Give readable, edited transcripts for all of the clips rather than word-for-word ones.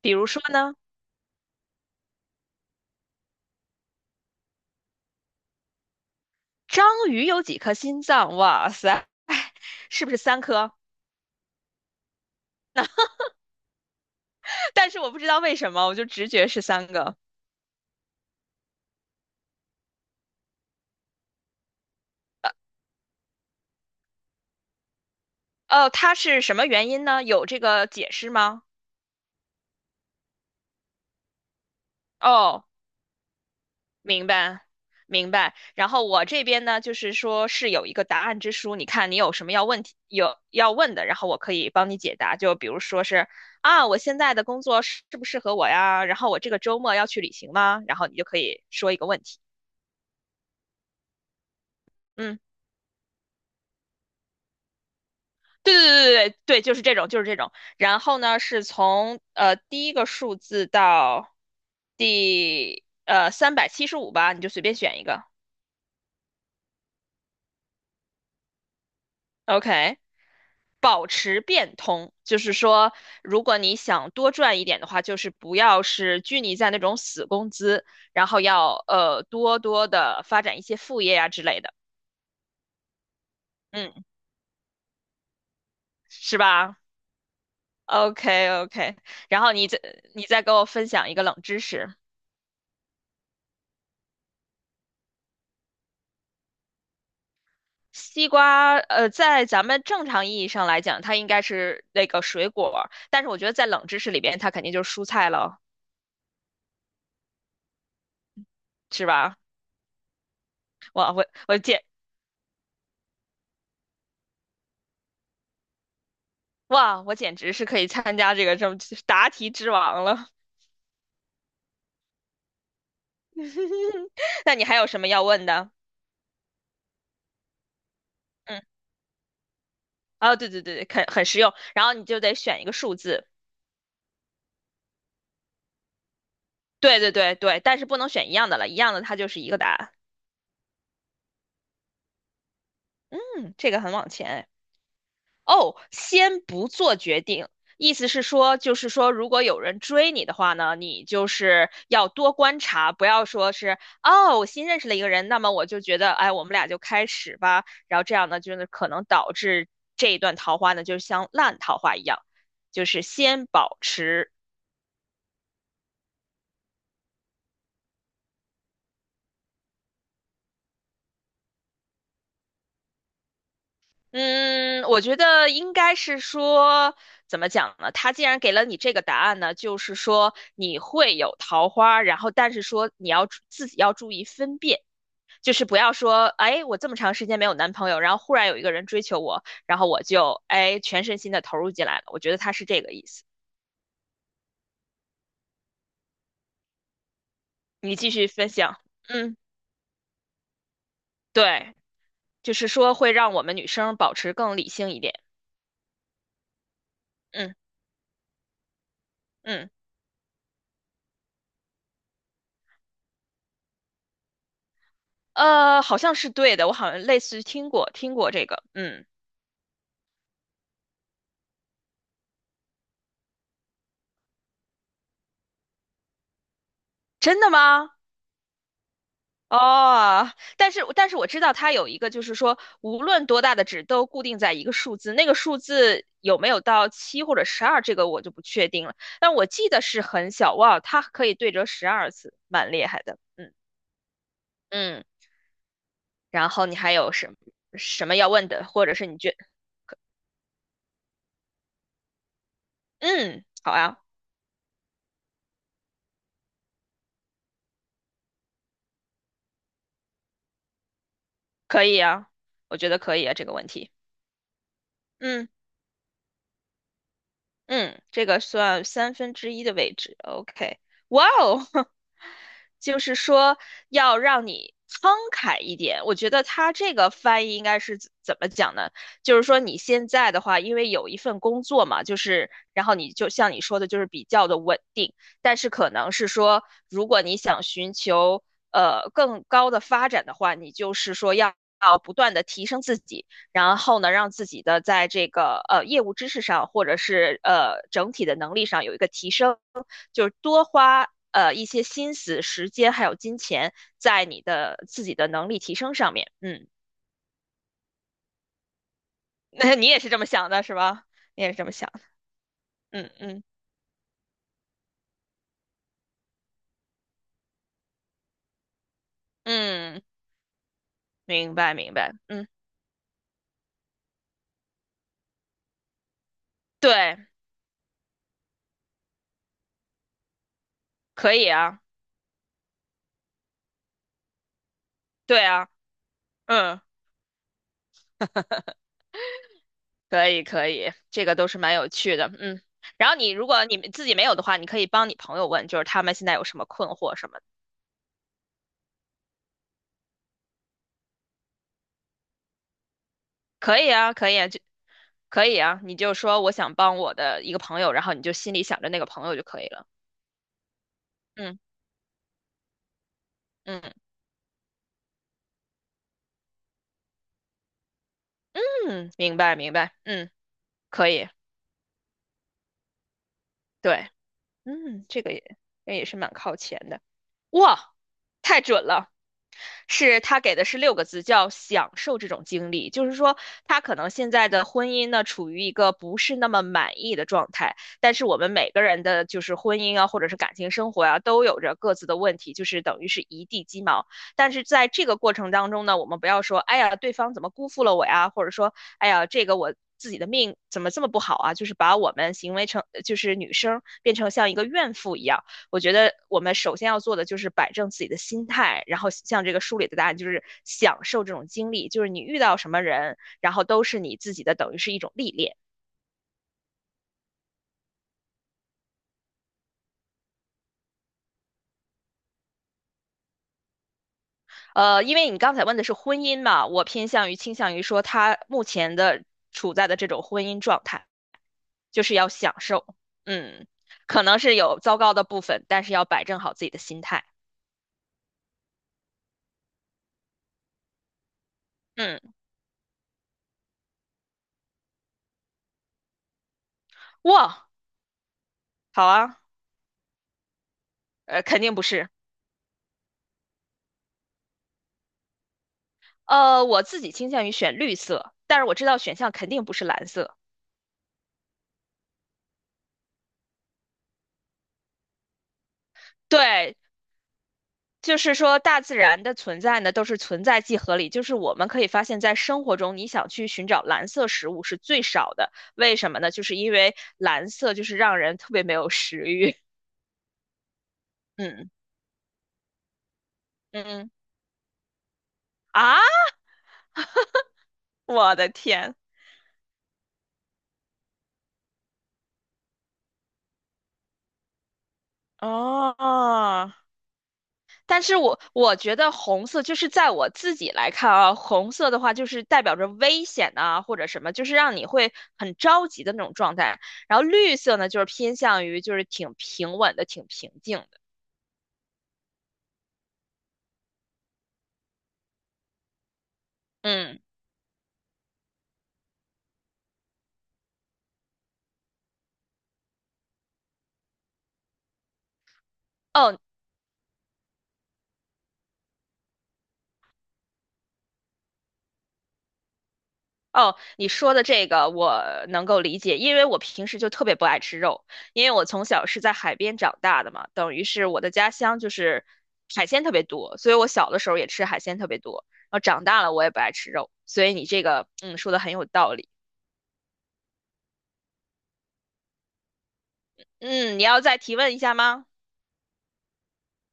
比如说呢，章鱼有几颗心脏？哇塞，是不是3颗？那但是我不知道为什么，我就直觉是3个。哦，它是什么原因呢？有这个解释吗？哦，明白，明白。然后我这边呢，就是说是有一个答案之书，你看你有什么要问题有要问的，然后我可以帮你解答。就比如说是啊，我现在的工作适不适合我呀？然后我这个周末要去旅行吗？然后你就可以说一个问题。嗯。对对对对对对，就是这种，就是这种。然后呢，是从第一个数字到第375吧，你就随便选一个。OK，保持变通，就是说，如果你想多赚一点的话，就是不要是拘泥在那种死工资，然后要多多的发展一些副业啊之类的，嗯，是吧？OK OK，然后你再给我分享一个冷知识。西瓜，在咱们正常意义上来讲，它应该是那个水果。但是我觉得在冷知识里边，它肯定就是蔬菜了，是吧？哇，我我简哇，我简直是可以参加这个这么答题之王了。那你还有什么要问的？嗯，啊，对对对对，很实用。然后你就得选一个数字，对对对对，但是不能选一样的了，一样的它就是一个答案。嗯，这个很往前哎哦，先不做决定，意思是说，就是说，如果有人追你的话呢，你就是要多观察，不要说是哦，我新认识了一个人，那么我就觉得，哎，我们俩就开始吧，然后这样呢，就是可能导致这一段桃花呢，就像烂桃花一样，就是先保持。嗯，我觉得应该是说，怎么讲呢？他既然给了你这个答案呢，就是说你会有桃花，然后但是说你要注自己要注意分辨。就是不要说，哎，我这么长时间没有男朋友，然后忽然有一个人追求我，然后我就哎全身心的投入进来了。我觉得他是这个意思。你继续分享。嗯，对，就是说会让我们女生保持更理性一点。嗯嗯，好像是对的，我好像类似于听过这个。嗯，真的吗？哦，但是我知道它有一个，就是说无论多大的纸都固定在一个数字，那个数字有没有到七或者十二，这个我就不确定了。但我记得是很小，哇，它可以对折12次，蛮厉害的。嗯嗯，然后你还有什么什么要问的，或者是嗯，好啊，可以啊，我觉得可以啊，这个问题。嗯。嗯，这个算三分之一的位置。OK，哇哦，就是说要让你慷慨一点。我觉得他这个翻译应该是怎么讲呢？就是说你现在的话，因为有一份工作嘛，就是然后你就像你说的，就是比较的稳定，但是可能是说，如果你想寻求更高的发展的话，你就是说要不断的提升自己。然后呢，让自己的在这个业务知识上，或者是整体的能力上有一个提升，就是多花一些心思、时间还有金钱在你的自己的能力提升上面。嗯，那你也是这么想的是吧？你也是这么想的嗯嗯嗯，明白明白。嗯，对，可以啊，对啊，嗯，可以可以，这个都是蛮有趣的。嗯，然后你如果你自己没有的话，你可以帮你朋友问，就是他们现在有什么困惑什么的。可以啊，可以啊，就可以啊，你就说我想帮我的一个朋友，然后你就心里想着那个朋友就可以了。嗯嗯嗯，明白明白，嗯，可以，对，嗯，这个也这也是蛮靠前的，哇，太准了。是他给的是6个字，叫享受这种经历。就是说，他可能现在的婚姻呢，处于一个不是那么满意的状态。但是我们每个人的就是婚姻啊，或者是感情生活啊，都有着各自的问题，就是等于是一地鸡毛。但是在这个过程当中呢，我们不要说，哎呀，对方怎么辜负了我呀，或者说，哎呀，这个我自己的命怎么这么不好啊？就是把我们行为成，就是女生变成像一个怨妇一样。我觉得我们首先要做的就是摆正自己的心态，然后像这个书里的答案，就是享受这种经历，就是你遇到什么人，然后都是你自己的，等于是一种历练。因为你刚才问的是婚姻嘛，我偏向于倾向于说他目前的处在的这种婚姻状态，就是要享受，嗯，可能是有糟糕的部分，但是要摆正好自己的心态。嗯，哇，好啊，肯定不是，我自己倾向于选绿色，但是我知道选项肯定不是蓝色。对，就是说大自然的存在呢，都是存在即合理。就是我们可以发现，在生活中，你想去寻找蓝色食物是最少的。为什么呢？就是因为蓝色就是让人特别没有食欲。嗯嗯啊，我的天！哦，但是我觉得红色就是在我自己来看啊，红色的话就是代表着危险啊，或者什么，就是让你会很着急的那种状态。然后绿色呢，就是偏向于就是挺平稳的，挺平静的。嗯，哦，哦，你说的这个我能够理解，因为我平时就特别不爱吃肉，因为我从小是在海边长大的嘛，等于是我的家乡就是海鲜特别多，所以我小的时候也吃海鲜特别多，然后长大了我也不爱吃肉，所以你这个嗯说的很有道理。嗯，你要再提问一下吗？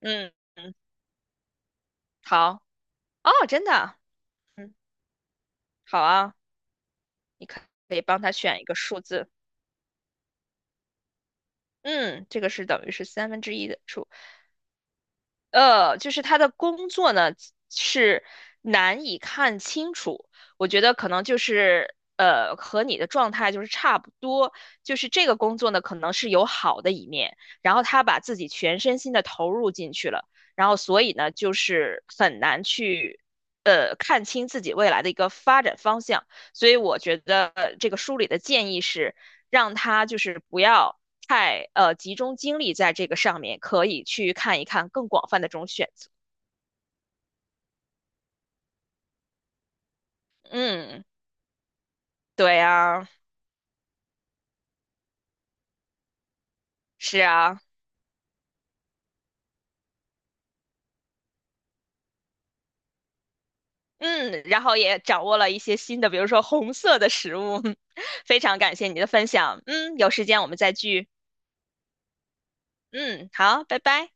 嗯嗯，好，哦，真的，嗯，好啊，你可以帮他选一个数字，嗯，这个是等于是三分之一的数。就是他的工作呢是难以看清楚，我觉得可能就是和你的状态就是差不多，就是这个工作呢可能是有好的一面，然后他把自己全身心的投入进去了，然后所以呢就是很难去看清自己未来的一个发展方向，所以我觉得这个书里的建议是让他就是不要太集中精力在这个上面，可以去看一看更广泛的这种选择。嗯，对啊，是啊，嗯，然后也掌握了一些新的，比如说红色的食物。非常感谢你的分享，嗯，有时间我们再聚，嗯，好，拜拜。